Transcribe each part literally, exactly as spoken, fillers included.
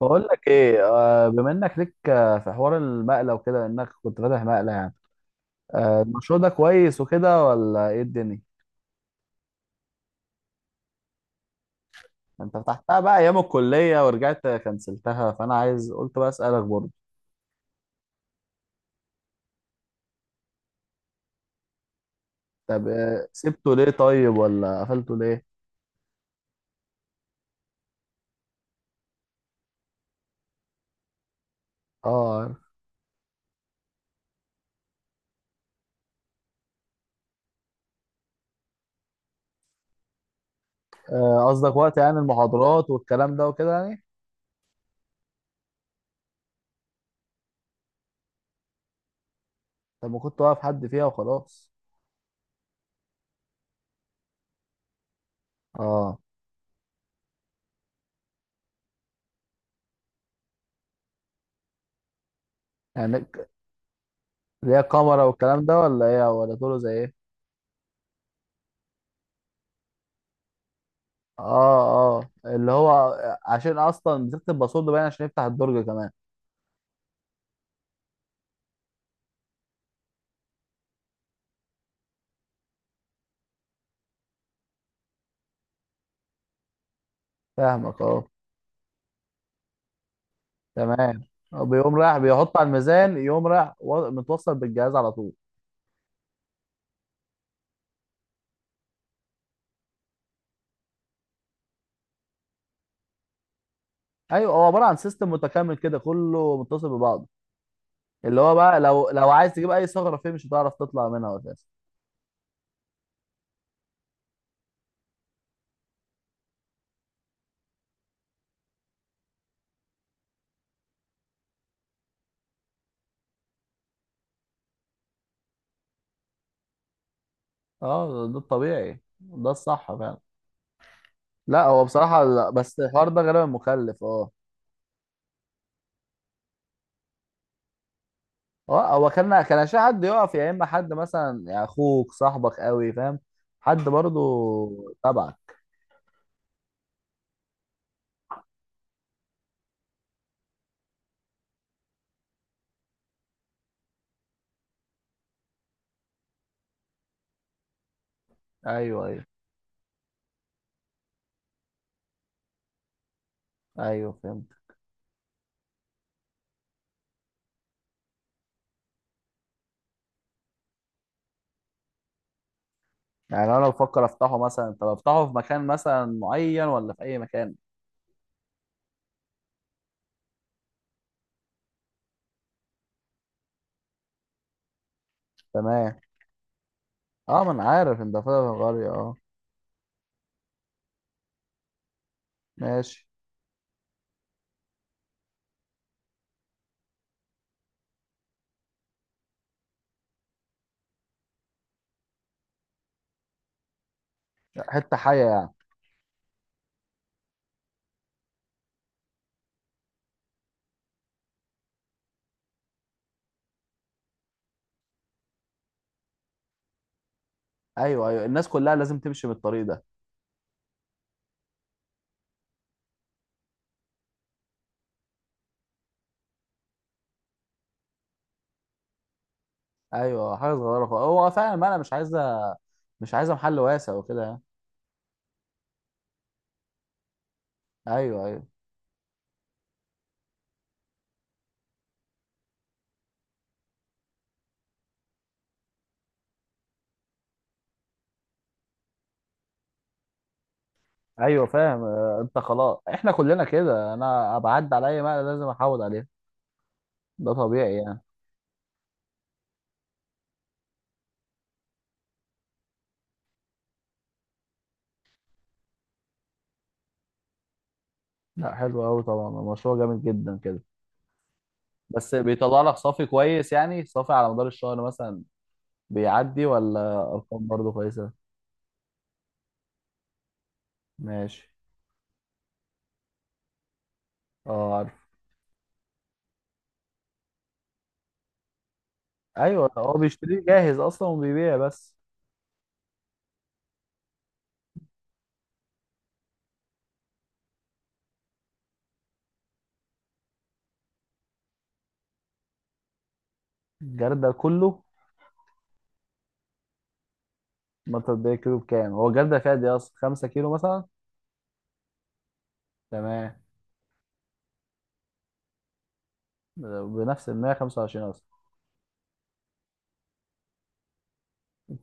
بقول لك ايه، آه، بما انك ليك، آه، في حوار المقله وكده انك كنت فاتح مقله يعني. آه، المشروع ده كويس وكده ولا ايه الدنيا؟ انت فتحتها بقى ايام الكليه ورجعت كنسلتها، فانا عايز قلت بقى اسالك برضه. طب آه، سبته ليه طيب، ولا قفلته ليه؟ اه، عارف. آه، قصدك وقت يعني المحاضرات والكلام ده وكده يعني. طب ما كنت واقف حد فيها وخلاص؟ اه. يعني ك- ليها كاميرا والكلام ده، ولا ايه، ولا طوله زي ايه؟ اه، اه، اللي هو عشان اصلا بزيادة الباسورد باين عشان يفتح الدرج كمان. فاهمك. اه، تمام. آه، بيقوم رايح بيحط على الميزان، يقوم رايح و- متوصل بالجهاز على طول. ايوه، هو عباره عن سيستم متكامل كده، كله متصل ببعضه. اللي هو بقى لو لو عايز تجيب اي ثغره فيه مش هتعرف تطلع منها اساسا. اه، ده ده الطبيعي، ده الصح فعلا. لا، هو بصراحه لا، بس الحوار ده غالبا مكلف، اه. هو هو كان كان عشان حد يقف، يا اما حد مثلا يعني اخوك صاحبك قوي، فاهم. حد برضو تبعك. ايوه، ايوه، ايوه، فهمت. يعني انا بفكر افتحه مثلا. طب افتحه في مكان مثلا معين ولا في اي مكان؟ تمام. اه، ما انا عارف انت فاهم غالية، اه. ماشي. حته حيه يعني. ايوه، ايوه، الناس كلها لازم تمشي بالطريق ده. ايوه، حاجه صغيره خالص، هو فعلا ما انا مش عايزه مش عايزه محل واسع وكده يعني. ايوه، ايوه، ايوه، فاهم. آه، انت خلاص احنا كلنا كده، انا بعدي على اي مقلة لازم احاول عليها. ده طبيعي يعني. لا، حلو قوي طبعا، المشروع جامد جدا كده. بس بيطلع لك صافي كويس يعني، صافي على مدار الشهر مثلا بيعدي، ولا ارقام برضه كويسه؟ ماشي. اه، عارف. ايوه، هو بيشتريه جاهز اصلا وبيبيع بس. الجردة كله؟ ما تبقى كيلو بكام، هو الجردة فيها دي اصلا 5 كيلو مثلا؟ تمام. بنفس ال مية وخمسة وعشرين اصلا؟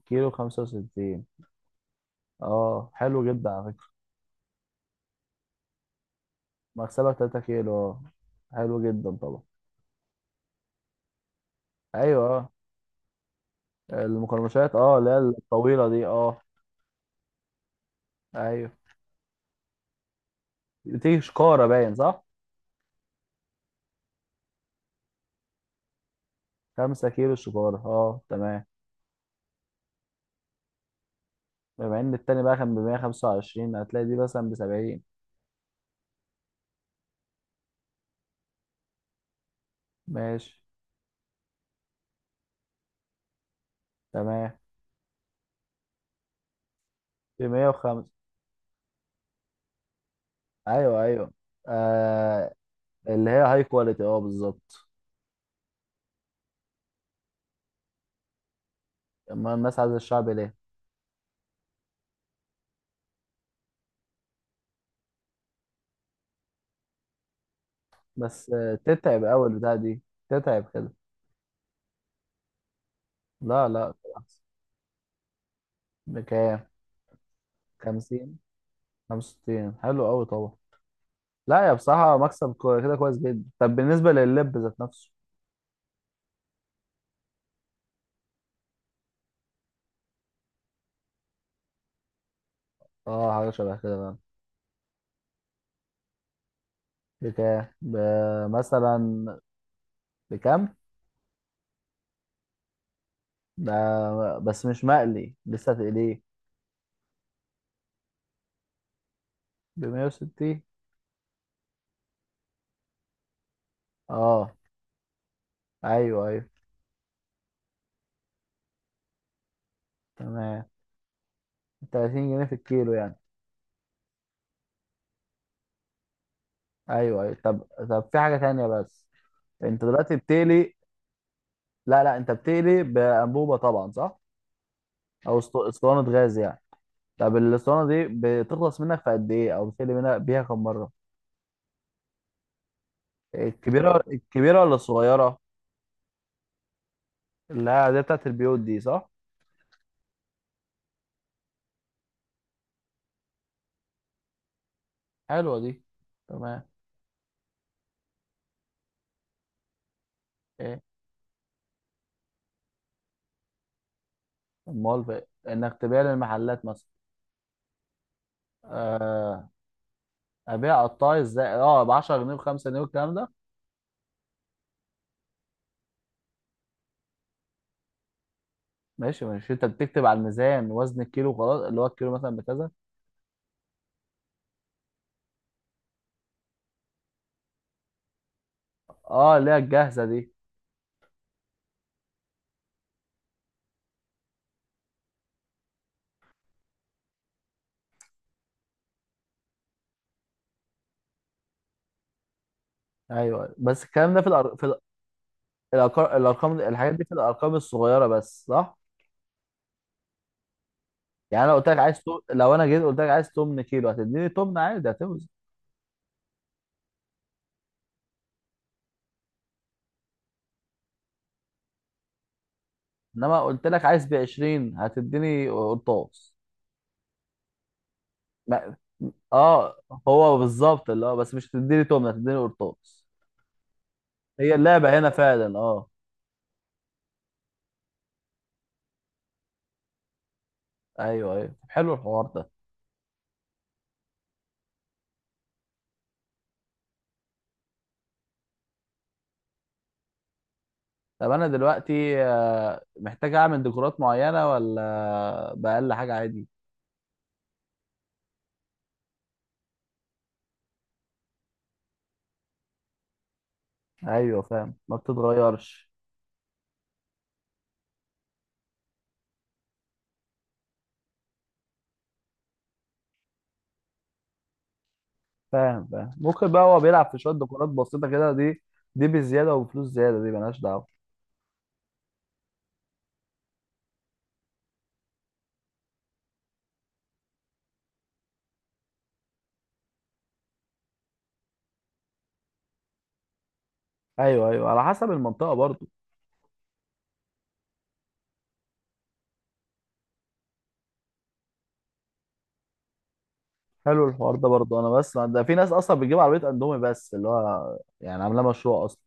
كيلو خمسة وستين؟ اه، حلو جدا على. مكسبك 3 كيلو، اه، حلو جدا طبعا. ايوه، اه. المقرمشات، اه، اللي هي الطويله دي، اه. ايوه، بتيجي شكاره باين صح؟ 5 كيلو شكاره، اه، تمام. بما ان التاني بقى كان ب مئة وخمسة وعشرين، هتلاقي دي مثلا ب سبعين. ماشي. تمام. ب مية وخمسة. ايوه، ايوه، آه اللي هي هاي كواليتي، اه، بالظبط. اما الناس عايزه الشعب ليه؟ بس آه تتعب اول بتاع دي، تتعب كده. لا، لا، بالعكس. بكام؟ خمسين؟ خمسة وستين، حلو قوي طبعا. لا، يا بصراحة مكسب كو- كده كويس جدا. طب بالنسبة لللب ذات نفسه. اه، حاجة شبه كده بقى. بكام ب- مثلا؟ بكام؟ ده بس مش مقلي، لسه تقليه. ب مية وستين، اه. ايوه، ايوه، تمام. تلاتين جنيه في الكيلو يعني. ايوه، ايوه. طب طب في حاجة تانية، بس انت دلوقتي بتقلي. لا، لا، انت بتقلي بأنبوبة طبعا صح؟ او اسط- اسطوانة غاز يعني. طب الاسطوانة دي بتخلص منك في قد ايه، او بتقلي منها بيها كم مرة؟ الكبيرة الكبيرة ولا الصغيرة؟ لا دي بتاعت البيوت دي صح؟ حلوة دي. تمام. ايه؟ امال بقى انك تبيع للمحلات مثلا؟ آه ابيع قطاعي ازاي؟ اه، ب عشرة جنيه ب خمسة جنيه والكلام ده. ماشي، ماشي، انت بتكتب على الميزان وزن الكيلو وخلاص، اللي هو الكيلو مثلا بكذا. اه، اللي هي الجاهزة دي. ايوه، بس الكلام ده في الأر... في الأرقام الارقام الحاجات دي في الارقام الصغيرة بس، صح؟ يعني انا قلت لك عايز تو... لو انا جيت قلت لك عايز تمن كيلو، هتديني تمن عادي، هتوزن. انما قلت لك عايز ب عشرين، هتديني قرطاس. ما- اه، هو بالظبط اللي هو، بس مش هتديني تمنه، هتديني قرطاس. هي اللعبه هنا فعلا، اه. ايوه، ايوه، طب حلو الحوار ده. طب انا دلوقتي آه، محتاج اعمل ديكورات معينه، ولا باقل حاجه عادي؟ ايوه، فاهم، ما بتتغيرش. فاهم، فاهم، ممكن بقى هو بيلعب في شويه ديكورات بسيطه كده دي. دي بزياده وفلوس زياده، دي ملهاش دعوه. ايوه، ايوه، على حسب المنطقه برضه. حلو الحوار ده برضه، انا بسمع ده، في ناس اصلا بتجيب عربيه اندومي بس اللي هو يعني عاملاه مشروع اصلا.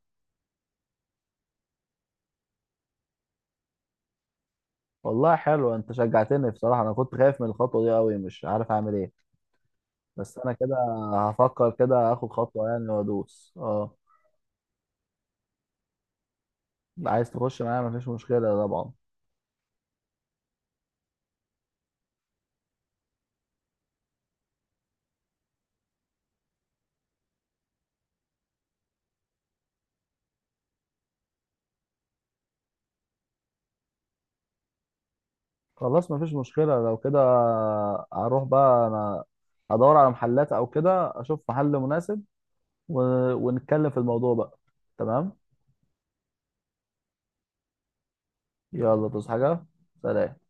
والله حلو، انت شجعتني بصراحه، انا كنت خايف من الخطوه دي قوي، مش عارف اعمل ايه. بس انا كده هفكر كده اخد خطوه يعني وادوس، اه. عايز تخش معايا؟ مفيش مشكله طبعا. خلاص مفيش مشكله لو كده. هروح بقى انا هدور على محلات او كده اشوف محل مناسب، و... ونتكلم في الموضوع بقى. تمام. يلا، تصحى حاجه. سلام.